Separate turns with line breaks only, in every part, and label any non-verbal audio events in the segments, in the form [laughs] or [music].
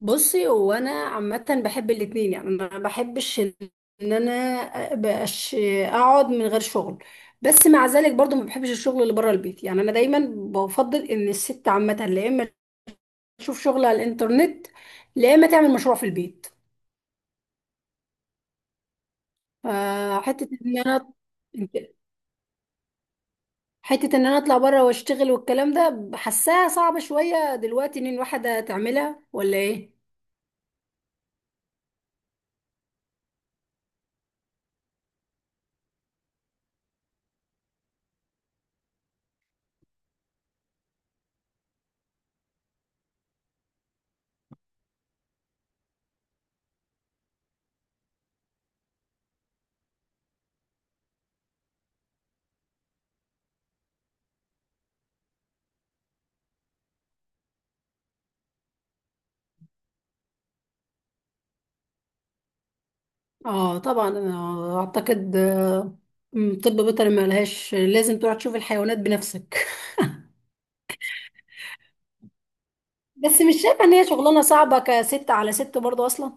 بصي، هو انا عامه بحب الاتنين. يعني انا ما بحبش ان انا ابقاش اقعد من غير شغل، بس مع ذلك برضو ما بحبش الشغل اللي بره البيت. يعني انا دايما بفضل ان الست عامه لا اما تشوف شغل على الانترنت لا اما تعمل مشروع في البيت. فحته ان انا حته ان انا اطلع بره واشتغل والكلام ده، حاساها صعبه شويه دلوقتي ان الواحده تعملها ولا ايه؟ اه طبعا، انا اعتقد طب بيطري ما لهاش، لازم تروح تشوف الحيوانات بنفسك [laughs] بس مش شايفه ان هي شغلانه صعبه كست على ست برضه اصلا.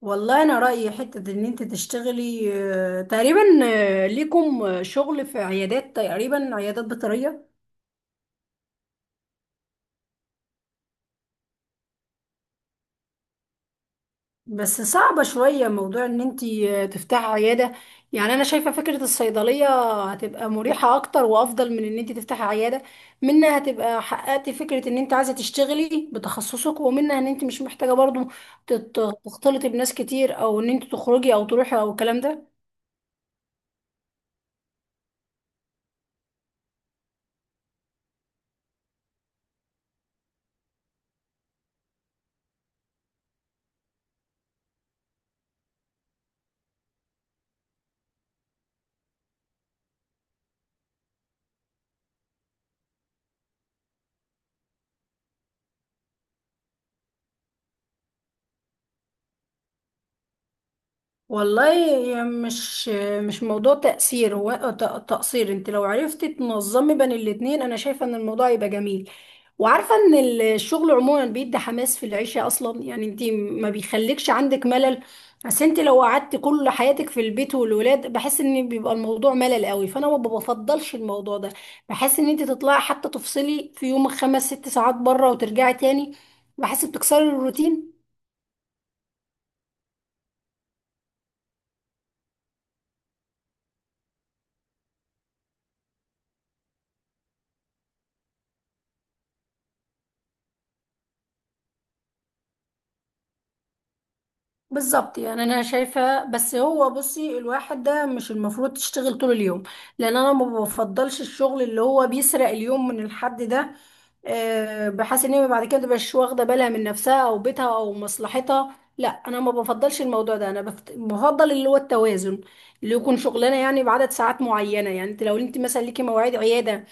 والله انا رايي حته ان انت تشتغلي، تقريبا ليكم شغل في عيادات، تقريبا عيادات بيطريه. بس صعبة شوية موضوع ان انتي تفتحي عيادة. يعني انا شايفة فكرة الصيدلية هتبقى مريحة اكتر وافضل من ان انتي تفتحي عيادة. منها هتبقى حققتي فكرة ان انت عايزة تشتغلي بتخصصك، ومنها ان انت مش محتاجة برضو تختلطي بناس كتير، او ان انت تخرجي او تروحي او الكلام ده. والله، مش مش موضوع تأثير، هو ت- تقصير. انت لو عرفتي تنظمي بين الاتنين، انا شايفة ان الموضوع يبقى جميل، وعارفة ان الشغل عموما بيدي حماس في العيشة اصلا. يعني انت ما بيخليكش عندك ملل. بس انت لو قعدت كل حياتك في البيت والولاد، بحس ان بيبقى الموضوع ملل قوي، فانا ما بفضلش الموضوع ده. بحس ان انت تطلعي حتى تفصلي في يومك 5 6 ساعات بره وترجعي تاني، بحس بتكسري الروتين. بالظبط، يعني انا شايفه، بس هو بصي، الواحد ده مش المفروض تشتغل طول اليوم، لان انا ما بفضلش الشغل اللي هو بيسرق اليوم من الحد ده. بحيث ان هي بعد كده متبقاش واخده بالها من نفسها او بيتها او مصلحتها. لا، انا ما بفضلش الموضوع ده. انا بفضل اللي هو التوازن، اللي يكون شغلانه يعني بعدد ساعات معينه. يعني انت لو انت مثلا ليكي مواعيد عياده،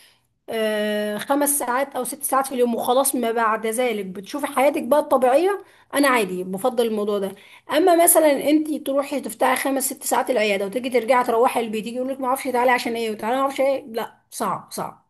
5 ساعات او 6 ساعات في اليوم وخلاص، ما بعد ذلك بتشوفي حياتك بقى الطبيعيه. انا عادي، بفضل الموضوع ده. اما مثلا انت تروحي تفتحي 5 6 ساعات العياده وتيجي ترجعي تروحي البيت، يجي يقول لك ما اعرفش تعالي عشان ايه، وتعالي ما اعرفش ايه، لا، صعب صعب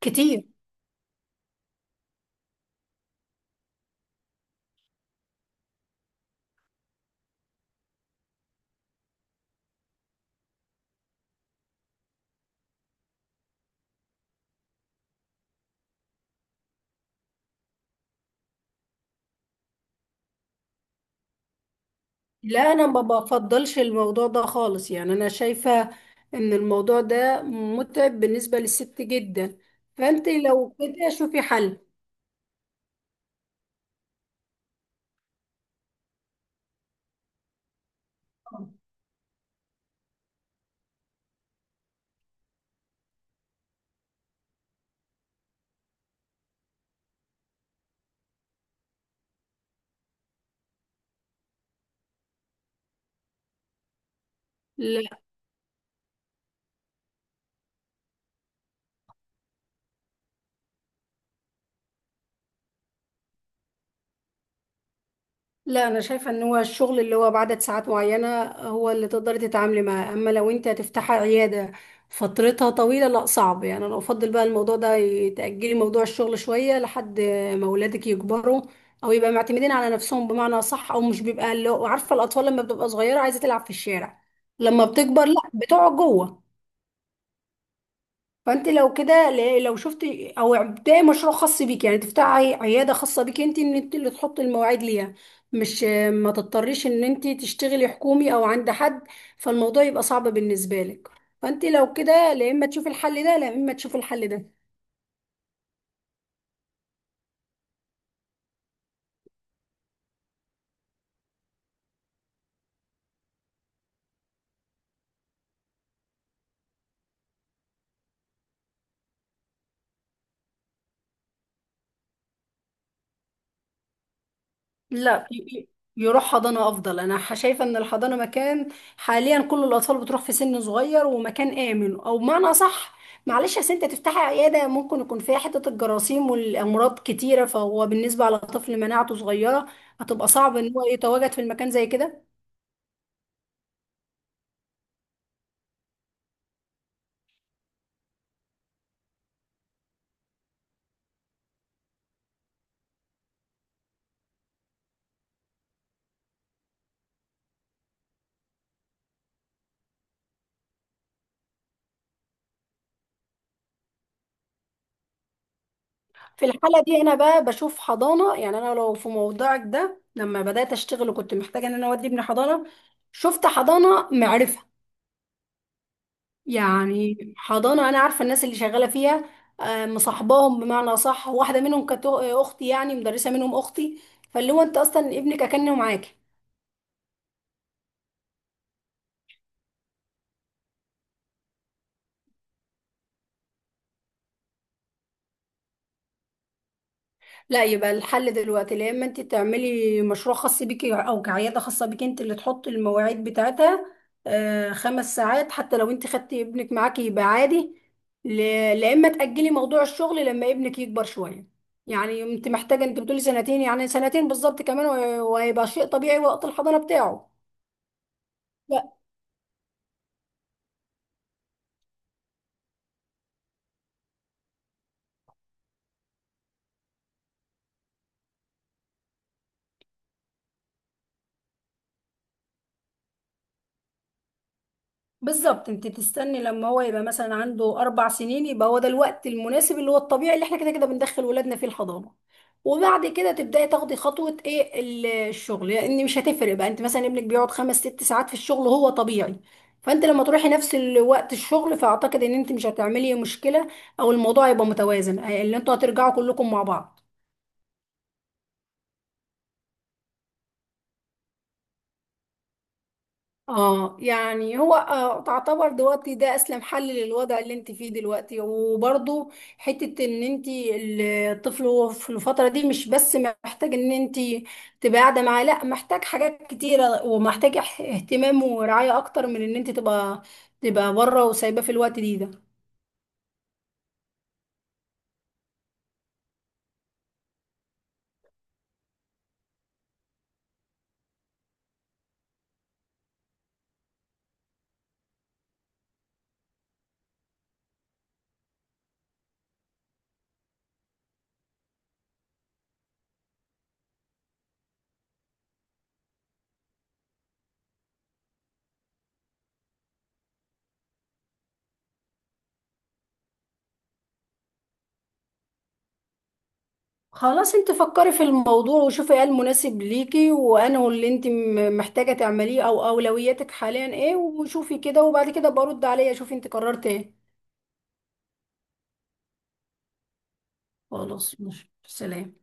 كتير. لا، انا ما بفضلش الموضوع ده خالص. يعني انا شايفه ان الموضوع ده متعب بالنسبه للست جدا، فانت لو كده شوفي حل. لا، انا شايفه ان هو الشغل اللي هو بعدد ساعات معينه هو اللي تقدري تتعاملي معاه، اما لو انت هتفتحي عياده فترتها طويله، لا، صعب. يعني انا افضل بقى الموضوع ده، تاجلي موضوع الشغل شويه لحد ما اولادك يكبروا، او يبقى معتمدين على نفسهم بمعنى صح، او مش بيبقى عارفه الاطفال لما بتبقى صغيره عايزه تلعب في الشارع، لما بتكبر لا بتقعد جوه. فانت لو كده، لو شفت، او ابداي مشروع خاص بيك. يعني تفتحي عياده خاصه بيك انت، ان انت اللي تحط المواعيد ليها، مش ما تضطريش ان انت تشتغلي حكومي او عند حد، فالموضوع يبقى صعب بالنسبه لك. فانت لو كده، لا اما تشوفي الحل ده لا اما تشوفي الحل ده لا يروح حضانة أفضل. أنا شايفة إن الحضانة مكان، حاليا كل الأطفال بتروح في سن صغير، ومكان آمن. أو بمعنى أصح، معلش، أصل أنت تفتحي عيادة ممكن يكون فيها حتة الجراثيم والأمراض كتيرة، فهو بالنسبة على طفل مناعته صغيرة هتبقى صعب إن هو يتواجد في المكان زي كده. في الحالة دي أنا بقى بشوف حضانة. يعني أنا لو في موضوعك ده لما بدأت أشتغل وكنت محتاجة إن أنا أودي ابني حضانة، شفت حضانة معرفة، يعني حضانة أنا عارفة الناس اللي شغالة فيها، مصاحباهم بمعنى صح. واحدة منهم كانت أختي، يعني مدرسة منهم أختي، فاللي هو أنت أصلا ابنك أكنه معاكي. لا، يبقى الحل دلوقتي، يا إما أنت تعملي مشروع خاص بيكي أو كعيادة خاصة بيكي، أنت اللي تحطي المواعيد بتاعتها، 5 ساعات، حتى لو أنت خدتي ابنك معاكي يبقى عادي. لا إما تأجلي موضوع الشغل لما ابنك يكبر شوية. يعني انت محتاجه، انت بتقولي سنتين، يعني سنتين بالظبط كمان، وهيبقى شيء طبيعي وقت الحضانه بتاعه. لا، بالظبط انت تستني لما هو يبقى مثلا عنده 4 سنين. يبقى هو ده الوقت المناسب اللي هو الطبيعي اللي احنا كده كده بندخل ولادنا فيه الحضانه. وبعد كده تبداي تاخدي خطوه ايه الشغل، لان مش هتفرق بقى. انت مثلا ابنك بيقعد 5 6 ساعات في الشغل هو طبيعي، فانت لما تروحي نفس الوقت الشغل، فاعتقد ان انت مش هتعملي مشكله، او الموضوع يبقى متوازن، اللي انتوا هترجعوا كلكم مع بعض. اه يعني هو تعتبر دلوقتي ده اسلم حل للوضع اللي انت فيه دلوقتي، وبرضو حتة ان انت، الطفل هو في الفترة دي مش بس محتاج ان انت تبقى قاعدة معاه، لا، محتاج حاجات كتيرة ومحتاج اهتمام ورعاية اكتر من ان انت تبقى بره وسايباه في الوقت دي ده. خلاص، انت فكري في الموضوع وشوفي ايه المناسب ليكي، وانه اللي انت محتاجة تعمليه، او اولوياتك حاليا ايه. وشوفي كده وبعد كده برد عليا شوفي انت قررت ايه. خلاص ماشي، سلام.